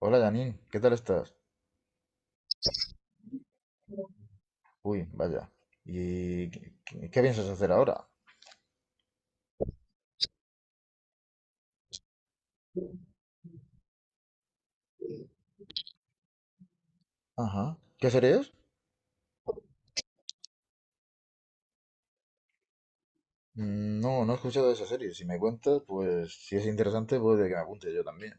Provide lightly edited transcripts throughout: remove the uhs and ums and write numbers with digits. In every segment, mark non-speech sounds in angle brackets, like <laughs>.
Hola Janine, ¿qué tal estás? Uy, vaya. ¿Y qué piensas hacer ahora? Ajá. ¿Qué serie es? Mm, no, no he escuchado de esa serie. Si me cuentas, pues si es interesante, puede que me apunte yo también.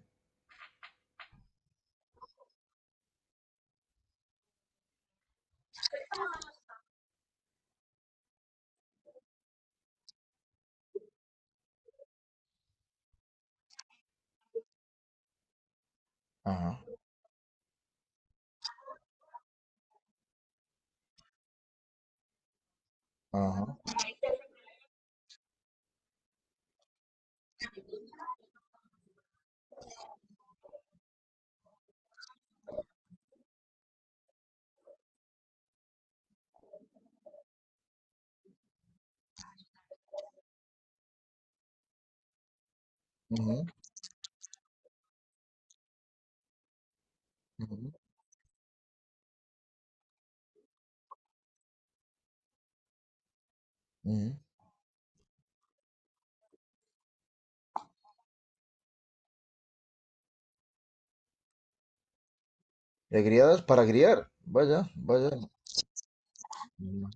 Ajá, ajá. Ujú, ujú, ujú. De criadas para criar. Vaya, vaya. No,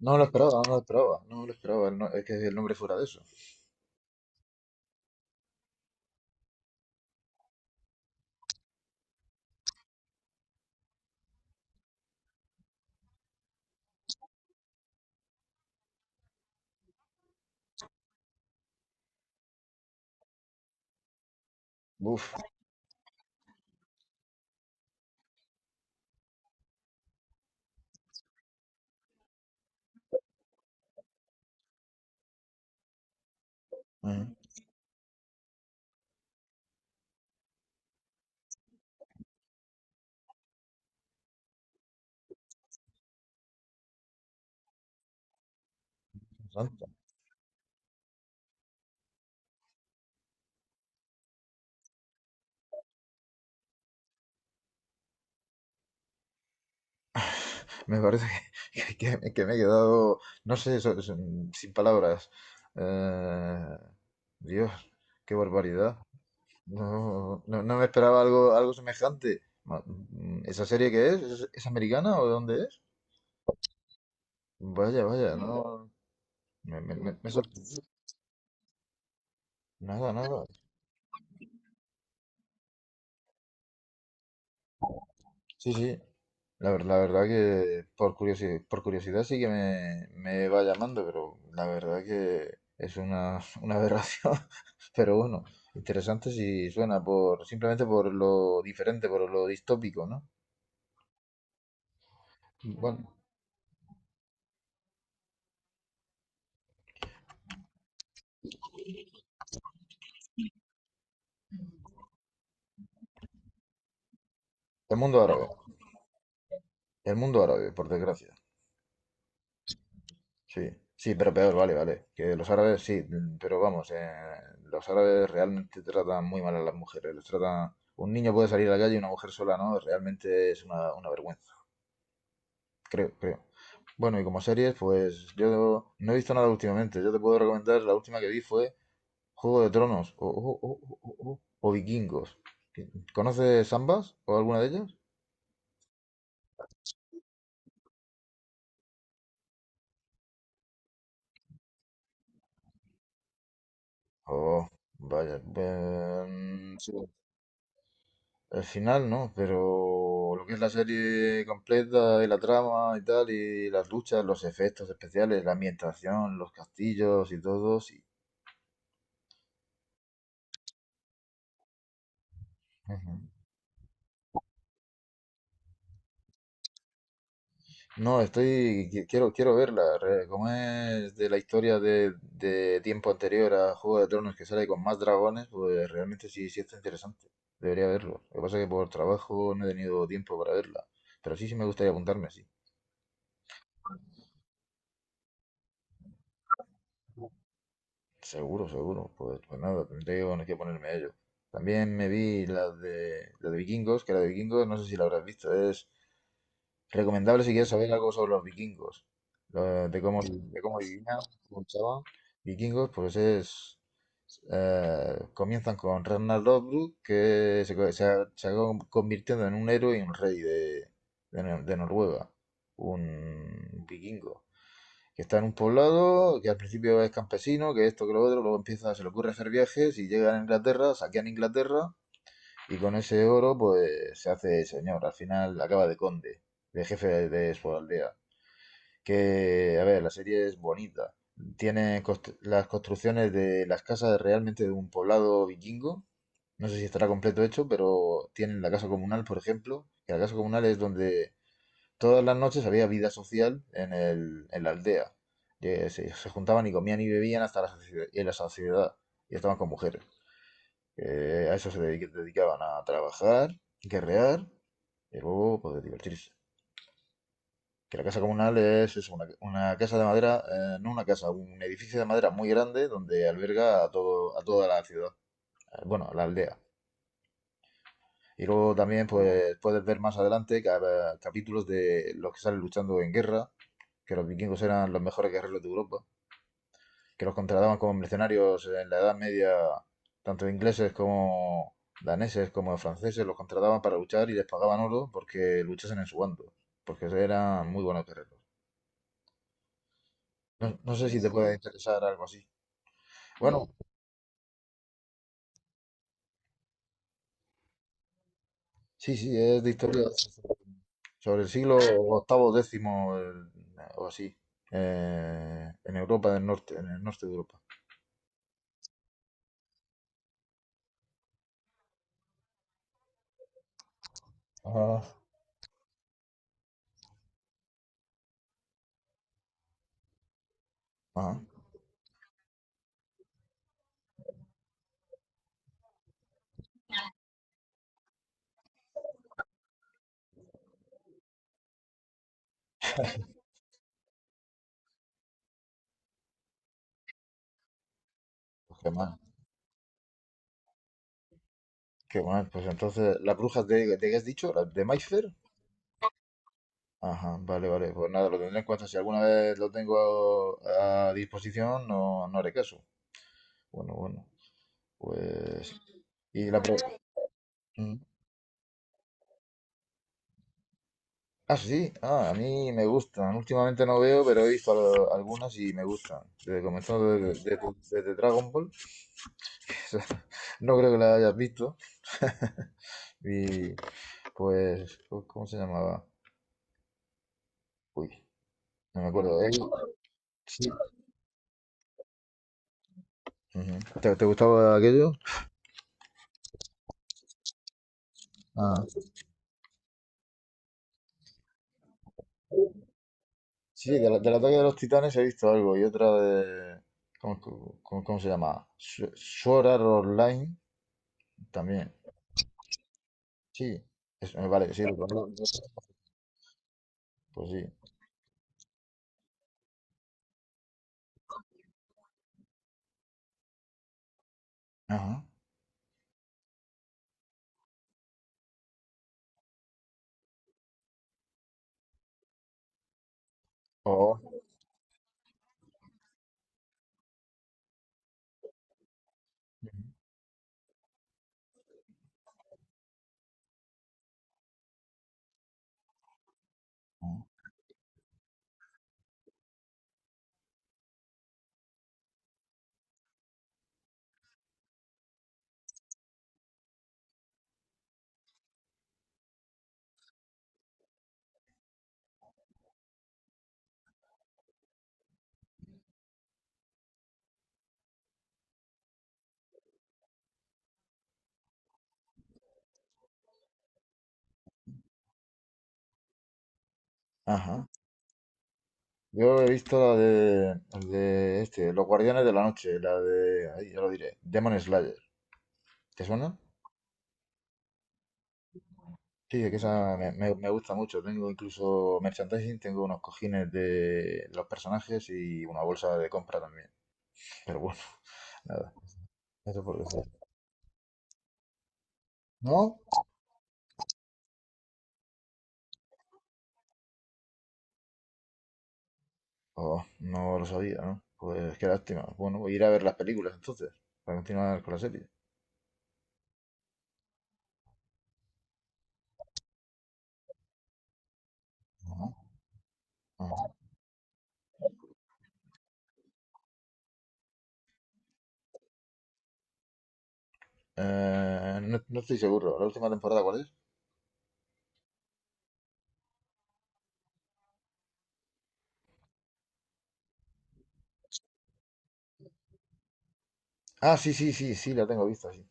no lo esperaba, no lo esperaba. No lo esperaba. El es que el nombre fuera de eso. Uf. Ajá, interesante. Me parece <laughs> que me he quedado, no sé, sin palabras. Eh, Dios, qué barbaridad. No, no, no me esperaba algo, algo semejante. ¿Esa serie qué es? Es americana o de dónde es? Vaya, vaya, no. Me- me he Nada, nada. Sí, sí. La verdad que por curiosidad sí que me va llamando, pero la verdad que es una <laughs> una aberración. <laughs> Pero bueno, interesante si suena por simplemente por lo diferente, por lo distópico, ¿no? Bueno, el mundo árabe, el mundo árabe, por desgracia. Sí, sí, pero peor, vale, vale. Que los árabes sí, mm, pero vamos, los árabes realmente tratan muy mal a las mujeres. Les tratan, un niño puede salir a la calle y una mujer sola no, realmente es una vergüenza. Creo, creo. Bueno, y como series, pues yo no he visto nada últimamente. Yo te puedo recomendar, la última que vi fue Juego de Tronos o Vikingos. ¿Conoces ambas o alguna de ellas? Oh, vaya. Sí, el final no, pero lo que es la serie completa y la trama y tal, y las luchas, los efectos especiales, la ambientación, los castillos y todo, sí. No, estoy, quiero, quiero verla, como es de la historia de tiempo anterior a Juego de Tronos que sale con más dragones, pues realmente sí, sí está interesante, debería verlo. Lo que pasa es que por trabajo no he tenido tiempo para verla, pero sí, sí me gustaría apuntarme, sí. Seguro, seguro, pues, pues nada, tendré que bueno, que ponerme a ello. También me vi la de Vikingos, que la de Vikingos no sé si la habrás visto, es recomendable si quieres saber algo sobre los vikingos, lo- de cómo, de cómo vivían, cómo luchaban. Vikingos, pues es. Comienzan con Ragnar Lothbrok, que se, se ha convirtiendo en un héroe y un rey de, de Noruega, un vikingo, que está en un poblado, que al principio es campesino, que esto, que lo otro, luego empieza, se le ocurre hacer viajes y llegan a Inglaterra, saquean Inglaterra y con ese oro, pues se hace señor. Al final acaba de conde, de jefe de su aldea. Que, a ver, la serie es bonita. Tiene las construcciones de las casas realmente de un poblado vikingo. No sé si estará completo hecho, pero tienen la casa comunal, por ejemplo. Que la casa comunal es donde todas las noches había vida social en el, en la aldea. Que se juntaban y comían y bebían hasta en la saciedad. Y estaban con mujeres. A eso dedicaban a trabajar, guerrear y luego poder divertirse. Que la casa comunal es eso, una casa de madera, no una casa, un edificio de madera muy grande donde alberga a todo, a toda la ciudad, bueno, la aldea. Y luego también pues, puedes ver más adelante capítulos de los que salen luchando en guerra, que los vikingos eran los mejores guerreros de Europa, que los contrataban como mercenarios en la Edad Media, tanto ingleses como daneses como franceses, los contrataban para luchar y les pagaban oro porque luchasen en su bando, porque eran muy buenos guerreros. No, no sé si te puede interesar algo así. Bueno, sí, sí, es de historia sobre el siglo octavo, décimo o así, en Europa del Norte, en el norte de Europa. Ah, ajá, pues qué mal, qué mal. Pues entonces, ¿las brujas de qué has dicho? ¿Las de Mayfair? Ajá, vale, vale. Pues nada, lo tendré en cuenta. Si alguna vez lo tengo a disposición, no, no haré caso. Bueno, bueno. Pues. Y la mm. Ah, sí. Ah, a mí me gustan. Últimamente no veo, pero he visto algunas y me gustan. Desde comenzando desde, desde Dragon Ball. <laughs> No creo que la hayas visto. <laughs> Y pues, ¿cómo se llamaba? Uy, no me acuerdo. Él- Sí. Ujú. ¿Te, te gustaba aquello? Ah. Sí, del ataque de los titanes he visto algo y otra de... ¿Cómo, cómo se llama? Sword Art Online también. Sí, vale, sí, lo conozco. Pues sí. Ajá. Oh, oh, ajá. Yo he visto la de, el de este, Los Guardianes de la Noche, la de, ahí ya lo diré, Demon Slayer. ¿Te suena? Sí, es que esa me gusta mucho. Tengo incluso merchandising, tengo unos cojines de los personajes y una bolsa de compra también. Pero bueno, <laughs> nada, eso por decir. ¿No? Oh, no lo sabía, ¿no? Pues qué lástima. Bueno, voy a ir a ver las películas entonces, para continuar con la serie. Ajá, ajá. No, no estoy seguro. ¿La última temporada cuál es? Ah, sí, sí, sí, sí, la tengo vista, sí.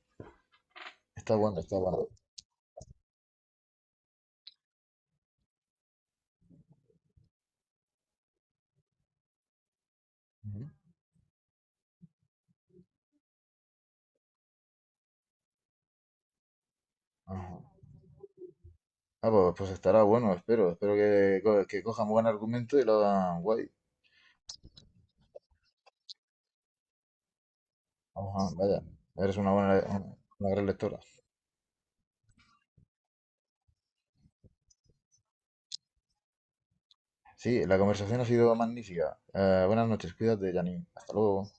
Está buena, está buena. Ujú, ajá. Ah, pues, pues estará bueno, espero. Espero que, que cojan buen argumento y lo hagan guay. Ajá, vaya, eres una buena, una gran lectora. Sí, la conversación ha sido magnífica. Buenas noches, cuídate, Janine. Hasta luego.